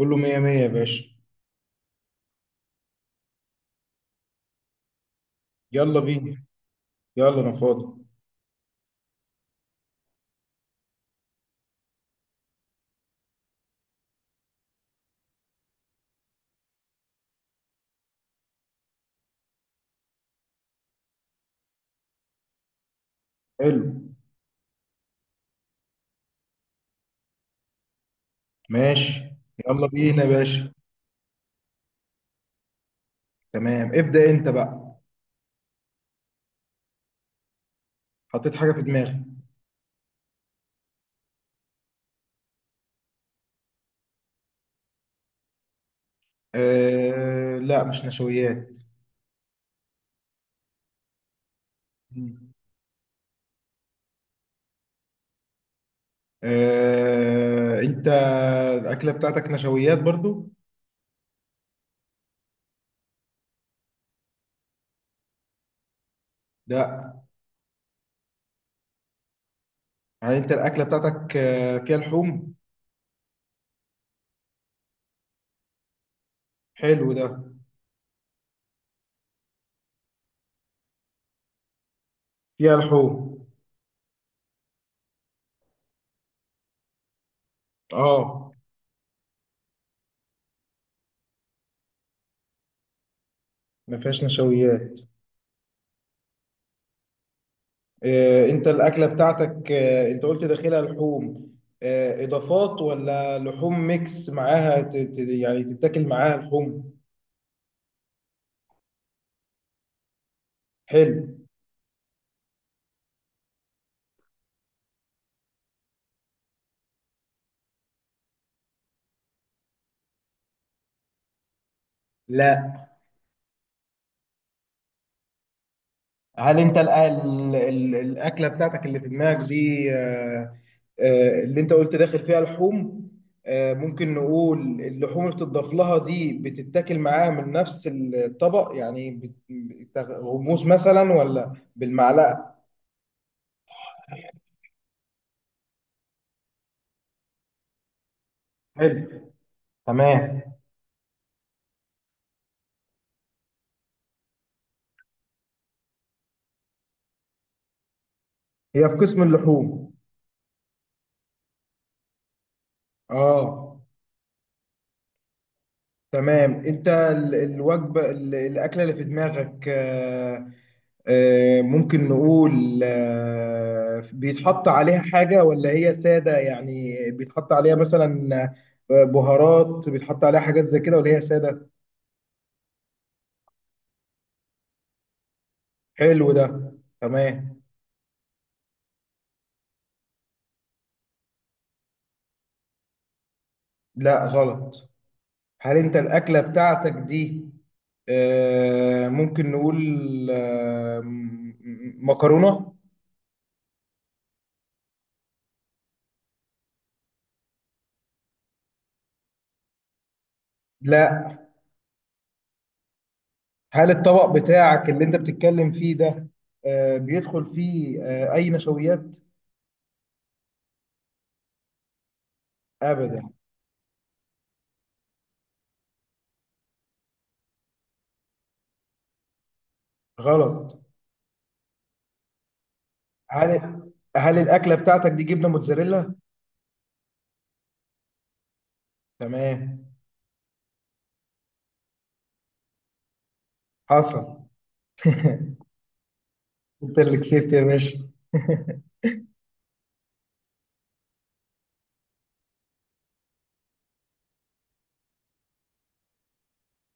كله مية مية يا باشا. يلا بينا. يلا انا فاضي. حلو. ماشي. يلا بينا يا باشا. تمام، ابدأ انت بقى. حطيت حاجة في دماغي. آه، لا، مش نشويات. مم. انت الأكلة بتاعتك نشويات برضو؟ لا. يعني انت الأكلة بتاعتك فيها لحوم؟ حلو ده. فيها لحوم. اه. ما فيهاش نشويات. انت الاكله بتاعتك، انت قلت داخلها لحوم. اضافات ولا لحوم ميكس معاها، يعني تتاكل معاها لحوم؟ حلو. لا. هل انت الاكله بتاعتك اللي في دماغك دي، اللي انت قلت داخل فيها لحوم، ممكن نقول اللحوم اللي بتضاف لها دي بتتاكل معاها من نفس الطبق؟ يعني غموس مثلا ولا بالمعلقه؟ حلو. تمام. هي في قسم اللحوم. اه. تمام، انت الوجبه، الاكله اللي في دماغك، ممكن نقول بيتحط عليها حاجه ولا هي ساده؟ يعني بيتحط عليها مثلا بهارات، بيتحط عليها حاجات زي كده ولا هي ساده؟ حلو ده. تمام. لا، غلط. هل انت الاكله بتاعتك دي، ممكن نقول، مكرونه؟ لا. هل الطبق بتاعك اللي انت بتتكلم فيه ده، بيدخل فيه اي نشويات؟ ابدا. غلط. هل هل الاكله بتاعتك دي جبنه موتزاريلا؟ تمام. حصل. انت اللي كسبت يا باشا.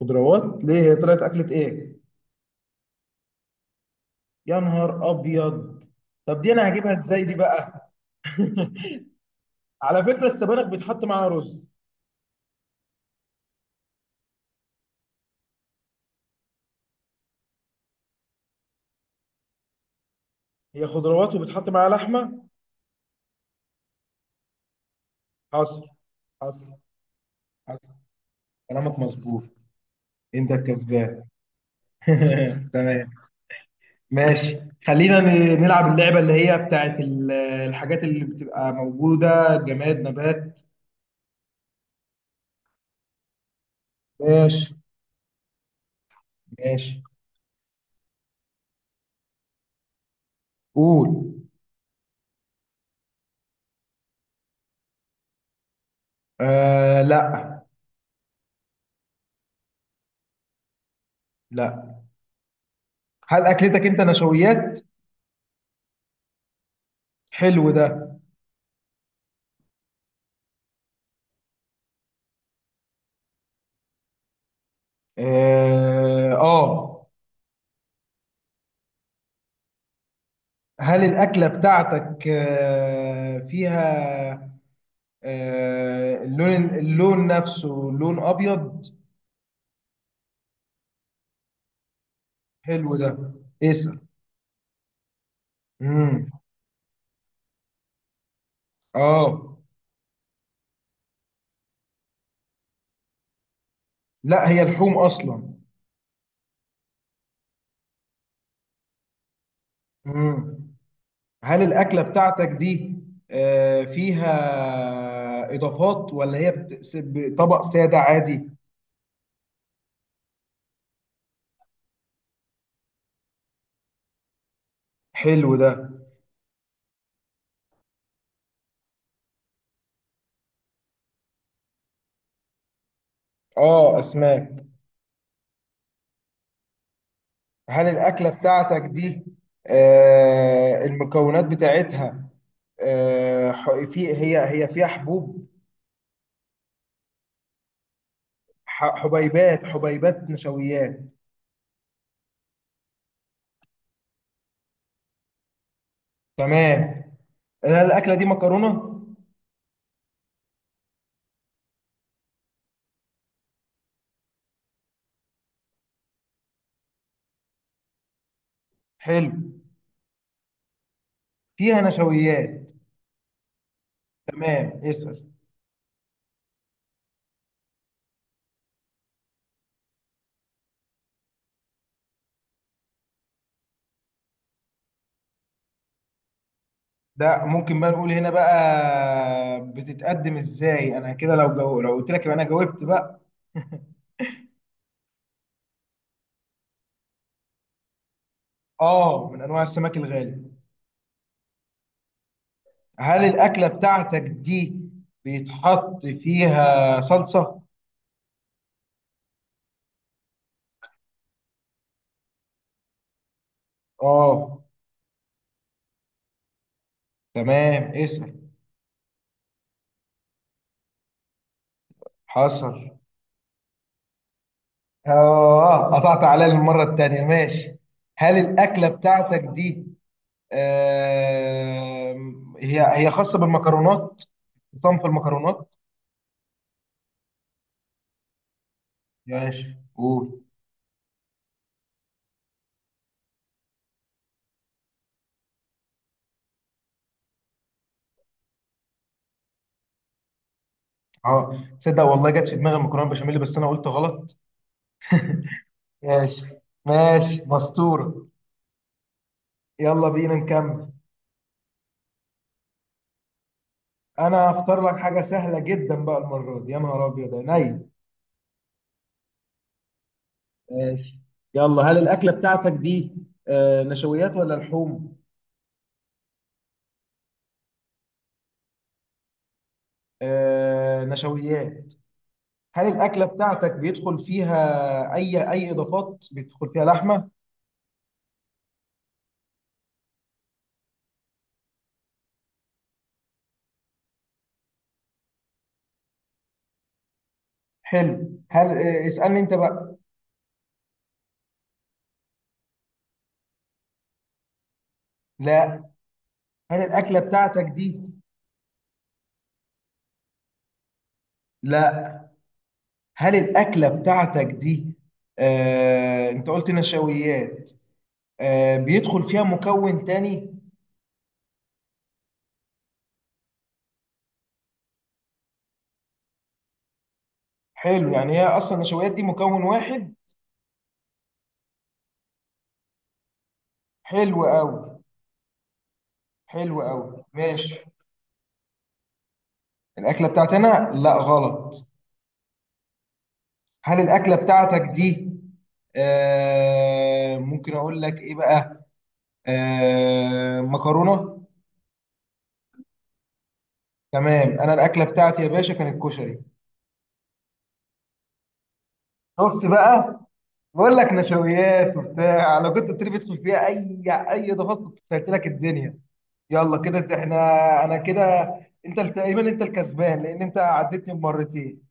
خضروات ليه؟ هي طلعت اكله ايه؟ يا نهار ابيض. طب دي انا هجيبها ازاي دي بقى؟ على فكره، السبانخ بيتحط معاها رز. هي خضروات وبيتحط معاها لحمه. حصل. حصل. حصل. كلامك مظبوط. انت الكسبان. تمام. ماشي. خلينا نلعب اللعبة اللي هي بتاعت الحاجات اللي بتبقى موجودة، جماد نبات. ماشي. ماشي. قول. آه، لا. لا. هل أكلتك أنت نشويات؟ حلو ده. آه, آه. هل الأكلة بتاعتك فيها، اللون نفسه لون أبيض؟ حلو ده. اسأل. مم. آه، لا، هي لحوم أصلا. مم. هل الأكلة بتاعتك دي، فيها إضافات ولا هي طبق سادة عادي؟ حلو ده. آه، أسماك. هل الأكلة بتاعتك دي، المكونات بتاعتها، في هي فيها حبوب؟ حبيبات حبيبات نشويات. تمام. هل الأكلة دي مكرونة؟ حلو. فيها نشويات. تمام، اسأل. ده ممكن بقى نقول هنا بقى بتتقدم ازاي؟ انا كده لو لو قلت لك يبقى انا جاوبت بقى. اه، من انواع السمك الغالي. هل الاكله بتاعتك دي بيتحط فيها صلصه؟ اه. تمام، اسال. حصل. اه، قطعت عليا المره التانيه، ماشي. هل الاكله بتاعتك دي، آه... هي هي خاصه بالمكرونات، صنف المكرونات؟ ماشي، قول. اه، تصدق والله جت في دماغي المكرونه بشاميل، بس انا قلت غلط. ماشي. ماشي، مستوره. يلا بينا نكمل. انا هختار لك حاجه سهله جدا بقى المره دي، يا نهار ابيض عينيا. ماشي. يلا، هل الاكله بتاعتك دي نشويات ولا لحوم؟ آه، نشويات. هل الاكله بتاعتك بيدخل فيها اي اضافات؟ بيدخل فيها لحمه؟ حلو. هل آه اسالني انت بقى. لا. هل الاكله بتاعتك دي. لا. هل الأكلة بتاعتك دي، أنت قلت نشويات، بيدخل فيها مكون تاني؟ حلو، يعني هي أصلا النشويات دي مكون واحد. حلو أوي. حلو أوي، ماشي. الأكلة بتاعتنا لا، غلط. هل الأكلة بتاعتك دي، ممكن أقول لك إيه بقى، مكرونة؟ تمام، أنا الأكلة بتاعتي يا باشا كانت كشري. شفت بقى؟ بقول لك نشويات وبتاع، لو كنت بتري بتدخل فيها اي، ضغط، كنت سهلت لك الدنيا. يلا كده احنا، انا كده، انت تقريبا انت الكسبان لان انت عدتني بمرتين.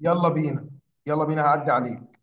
يلا بينا. يلا بينا، هعدي عليك.